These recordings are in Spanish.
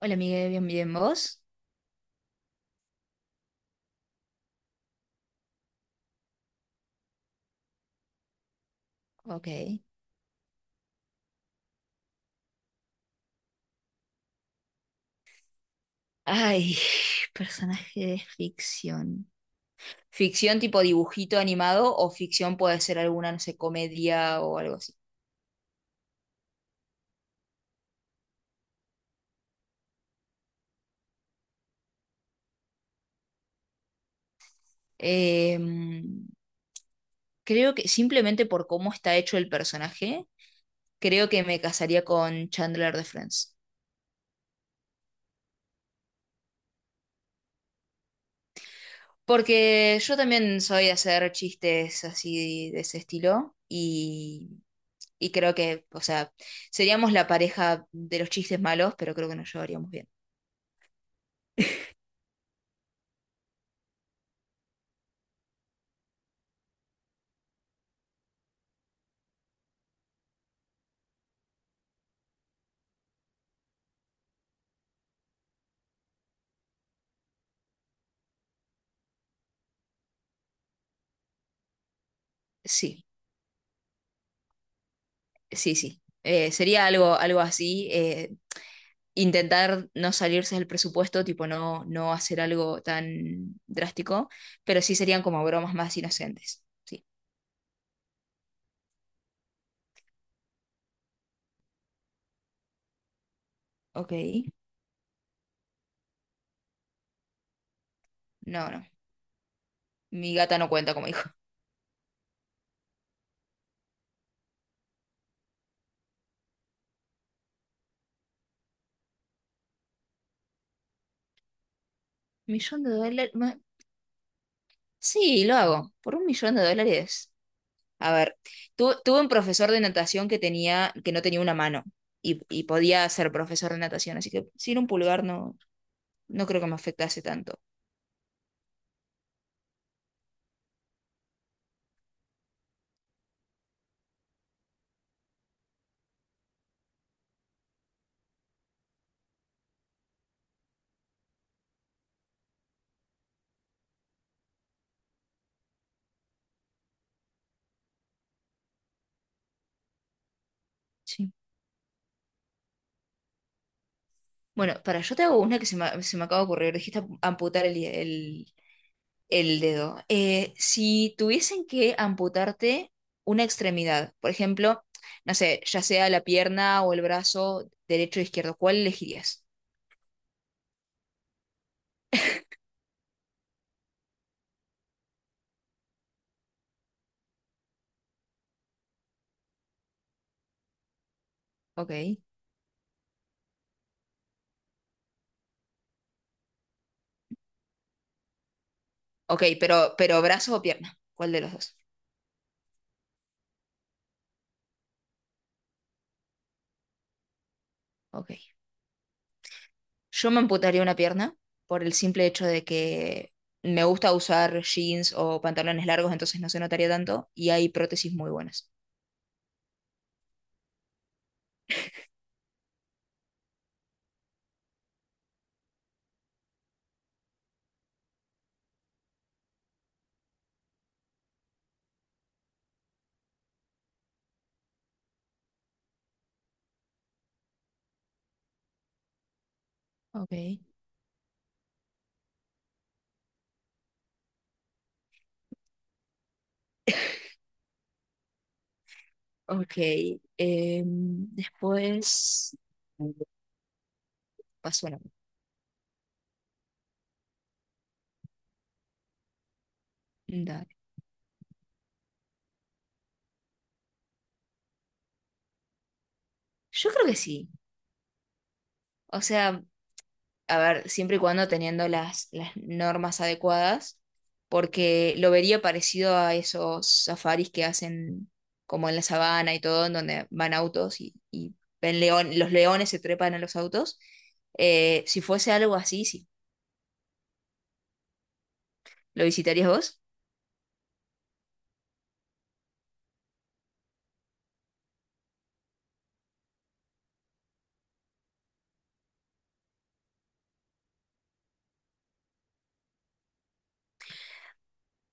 Hola, Miguel, bien, bien, ¿vos? Ok. Ay, personaje de ficción. ¿Ficción tipo dibujito animado o ficción puede ser alguna, no sé, comedia o algo así? Em, Creo que simplemente por cómo está hecho el personaje, creo que me casaría con Chandler de Friends. Porque yo también soy de hacer chistes así de ese estilo y creo que, o sea, seríamos la pareja de los chistes malos, pero creo que nos llevaríamos bien. Sí. Sí, sí. Sería algo, algo así. Intentar no salirse del presupuesto, tipo no, no hacer algo tan drástico, pero sí serían como bromas más inocentes. Sí. Ok. No, no. Mi gata no cuenta como hijo. $1.000.000. Sí, lo hago. Por $1.000.000. A ver, tuve un profesor de natación que no tenía una mano y podía ser profesor de natación, así que sin un pulgar no, no creo que me afectase tanto. Bueno, para yo te hago una que se me acaba de ocurrir. Dijiste amputar el, el dedo. Si tuviesen que amputarte una extremidad, por ejemplo, no sé, ya sea la pierna o el brazo derecho o izquierdo, ¿cuál elegirías? Ok. Ok, pero brazo o pierna, ¿cuál de los dos? Ok. Yo me amputaría una pierna por el simple hecho de que me gusta usar jeans o pantalones largos, entonces no se notaría tanto y hay prótesis muy buenas. Ok. Ok, después pasó la. Dale. Yo creo que sí. O sea, a ver, siempre y cuando teniendo las normas adecuadas, porque lo vería parecido a esos safaris que hacen como en la sabana y todo, en donde van autos y ven león, los leones se trepan a los autos. Si fuese algo así, sí. ¿Lo visitarías vos?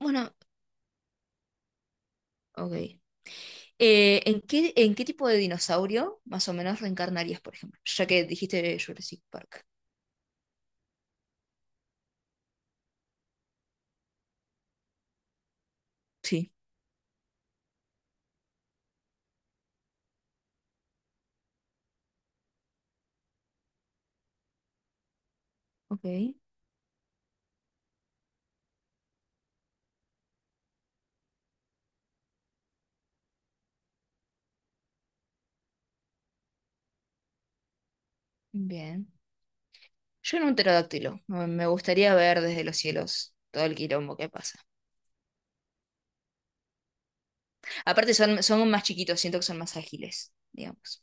Bueno, ok. ¿En qué tipo de dinosaurio más o menos reencarnarías, por ejemplo? Ya que dijiste Jurassic Park. Sí. Ok, bien. Yo en un pterodáctilo. Me gustaría ver desde los cielos todo el quilombo que pasa. Aparte son más chiquitos, siento que son más ágiles, digamos.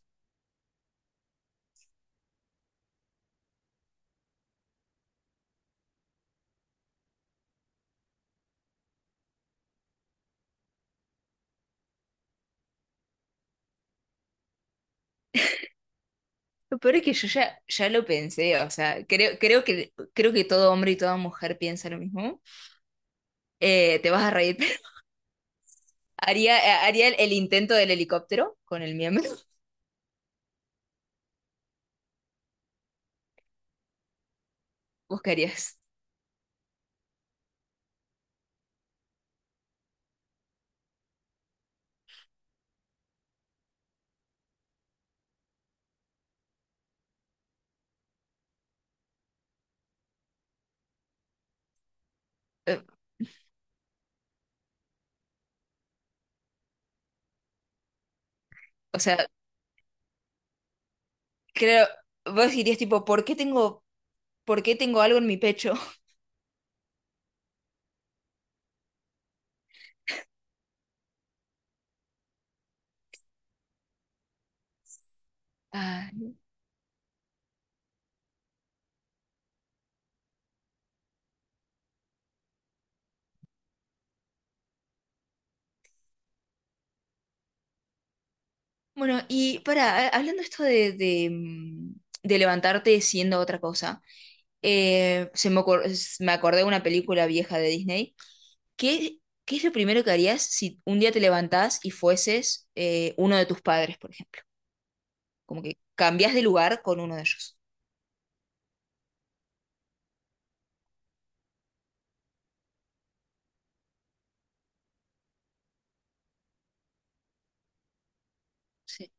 Lo peor es que yo ya lo pensé, o sea, creo que todo hombre y toda mujer piensa lo mismo. Te vas a reír. Haría el intento del helicóptero con el miembro. Buscarías, o sea, creo, vos dirías tipo, ¿por qué tengo algo en mi pecho? Ay. Bueno, y para, hablando esto de levantarte siendo otra cosa, se me ocor- s- me acordé de una película vieja de Disney. ¿Qué, qué es lo primero que harías si un día te levantás y fueses uno de tus padres, por ejemplo? Como que cambias de lugar con uno de ellos. Sí.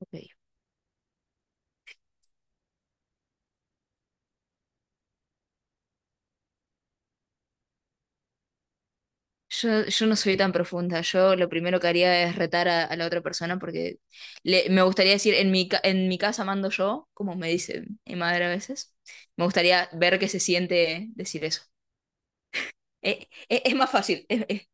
Ok. Yo no soy tan profunda. Yo lo primero que haría es retar a la otra persona porque me gustaría decir, en mi casa mando yo, como me dice mi madre a veces. Me gustaría ver qué se siente decir eso. Es más fácil.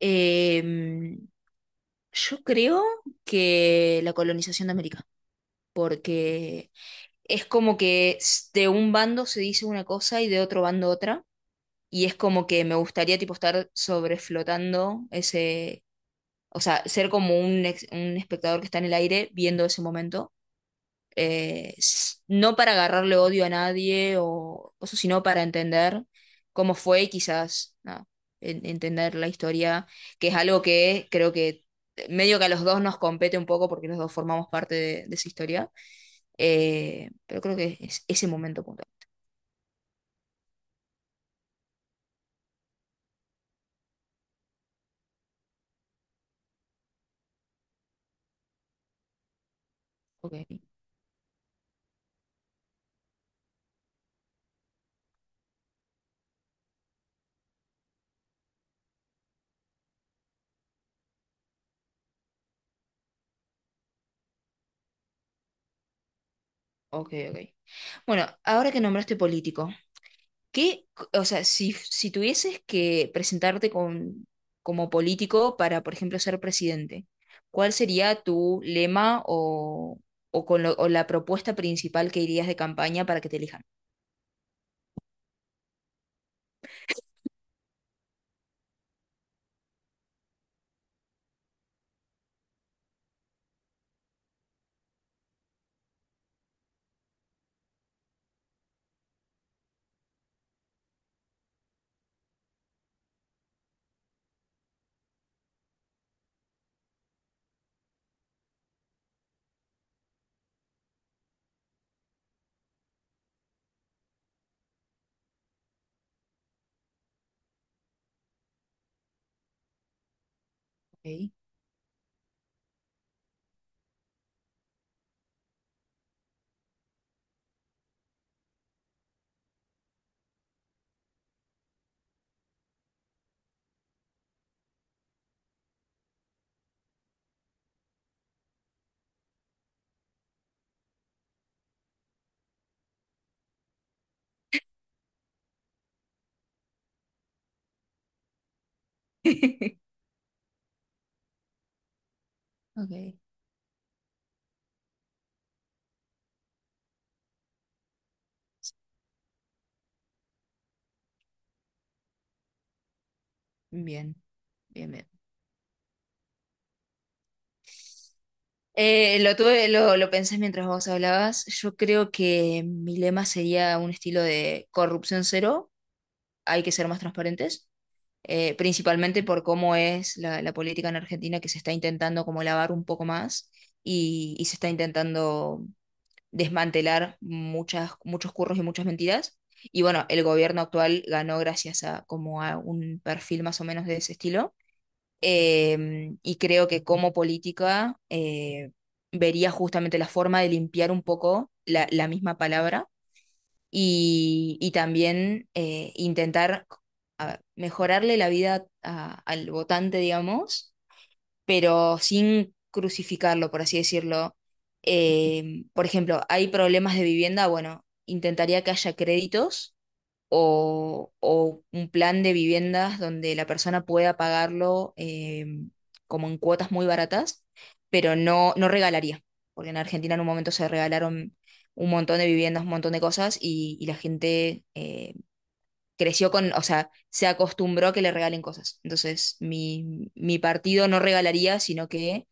Eh, yo creo que la colonización de América, porque es como que de un bando se dice una cosa y de otro bando otra. Y es como que me gustaría tipo estar sobreflotando ese, o sea, ser como un espectador que está en el aire viendo ese momento, no para agarrarle odio a nadie o cosas, sino para entender cómo fue y quizás nada, entender la historia, que es algo que creo que medio que a los dos nos compete un poco porque los dos formamos parte de esa historia, pero creo que es ese momento puntual. Ok, ok, ok. Bueno, ahora que nombraste político. ¿Qué, o sea, si tuvieses que presentarte con, como político para, por ejemplo, ser presidente, ¿cuál sería tu lema o la propuesta principal que irías de campaña para que te elijan? Ok, ok, bien, bien, bien. Lo pensé mientras vos hablabas. Yo creo que mi lema sería un estilo de corrupción cero, hay que ser más transparentes. Principalmente por cómo es la política en Argentina, que se está intentando como lavar un poco más y se está intentando desmantelar muchas, muchos curros y muchas mentiras. Y bueno, el gobierno actual ganó gracias a como a un perfil más o menos de ese estilo. Y creo que como política vería justamente la forma de limpiar un poco la misma palabra y también intentar, a ver, mejorarle la vida al votante, digamos, pero sin crucificarlo, por así decirlo. Por ejemplo, hay problemas de vivienda, bueno, intentaría que haya créditos o un plan de viviendas donde la persona pueda pagarlo, como en cuotas muy baratas, pero no, no regalaría, porque en Argentina en un momento se regalaron un montón de viviendas, un montón de cosas, y la gente creció con, o sea, se acostumbró a que le regalen cosas. Entonces, mi partido no regalaría, sino que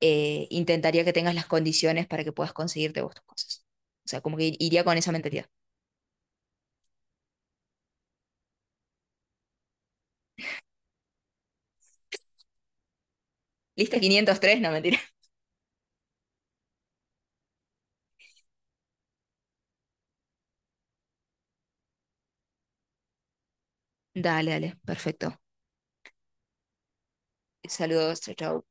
intentaría que tengas las condiciones para que puedas conseguirte vos tus cosas. O sea, como que iría con esa mentalidad. Lista, 503, no. Dale, dale, perfecto. Saludos, chao, chao.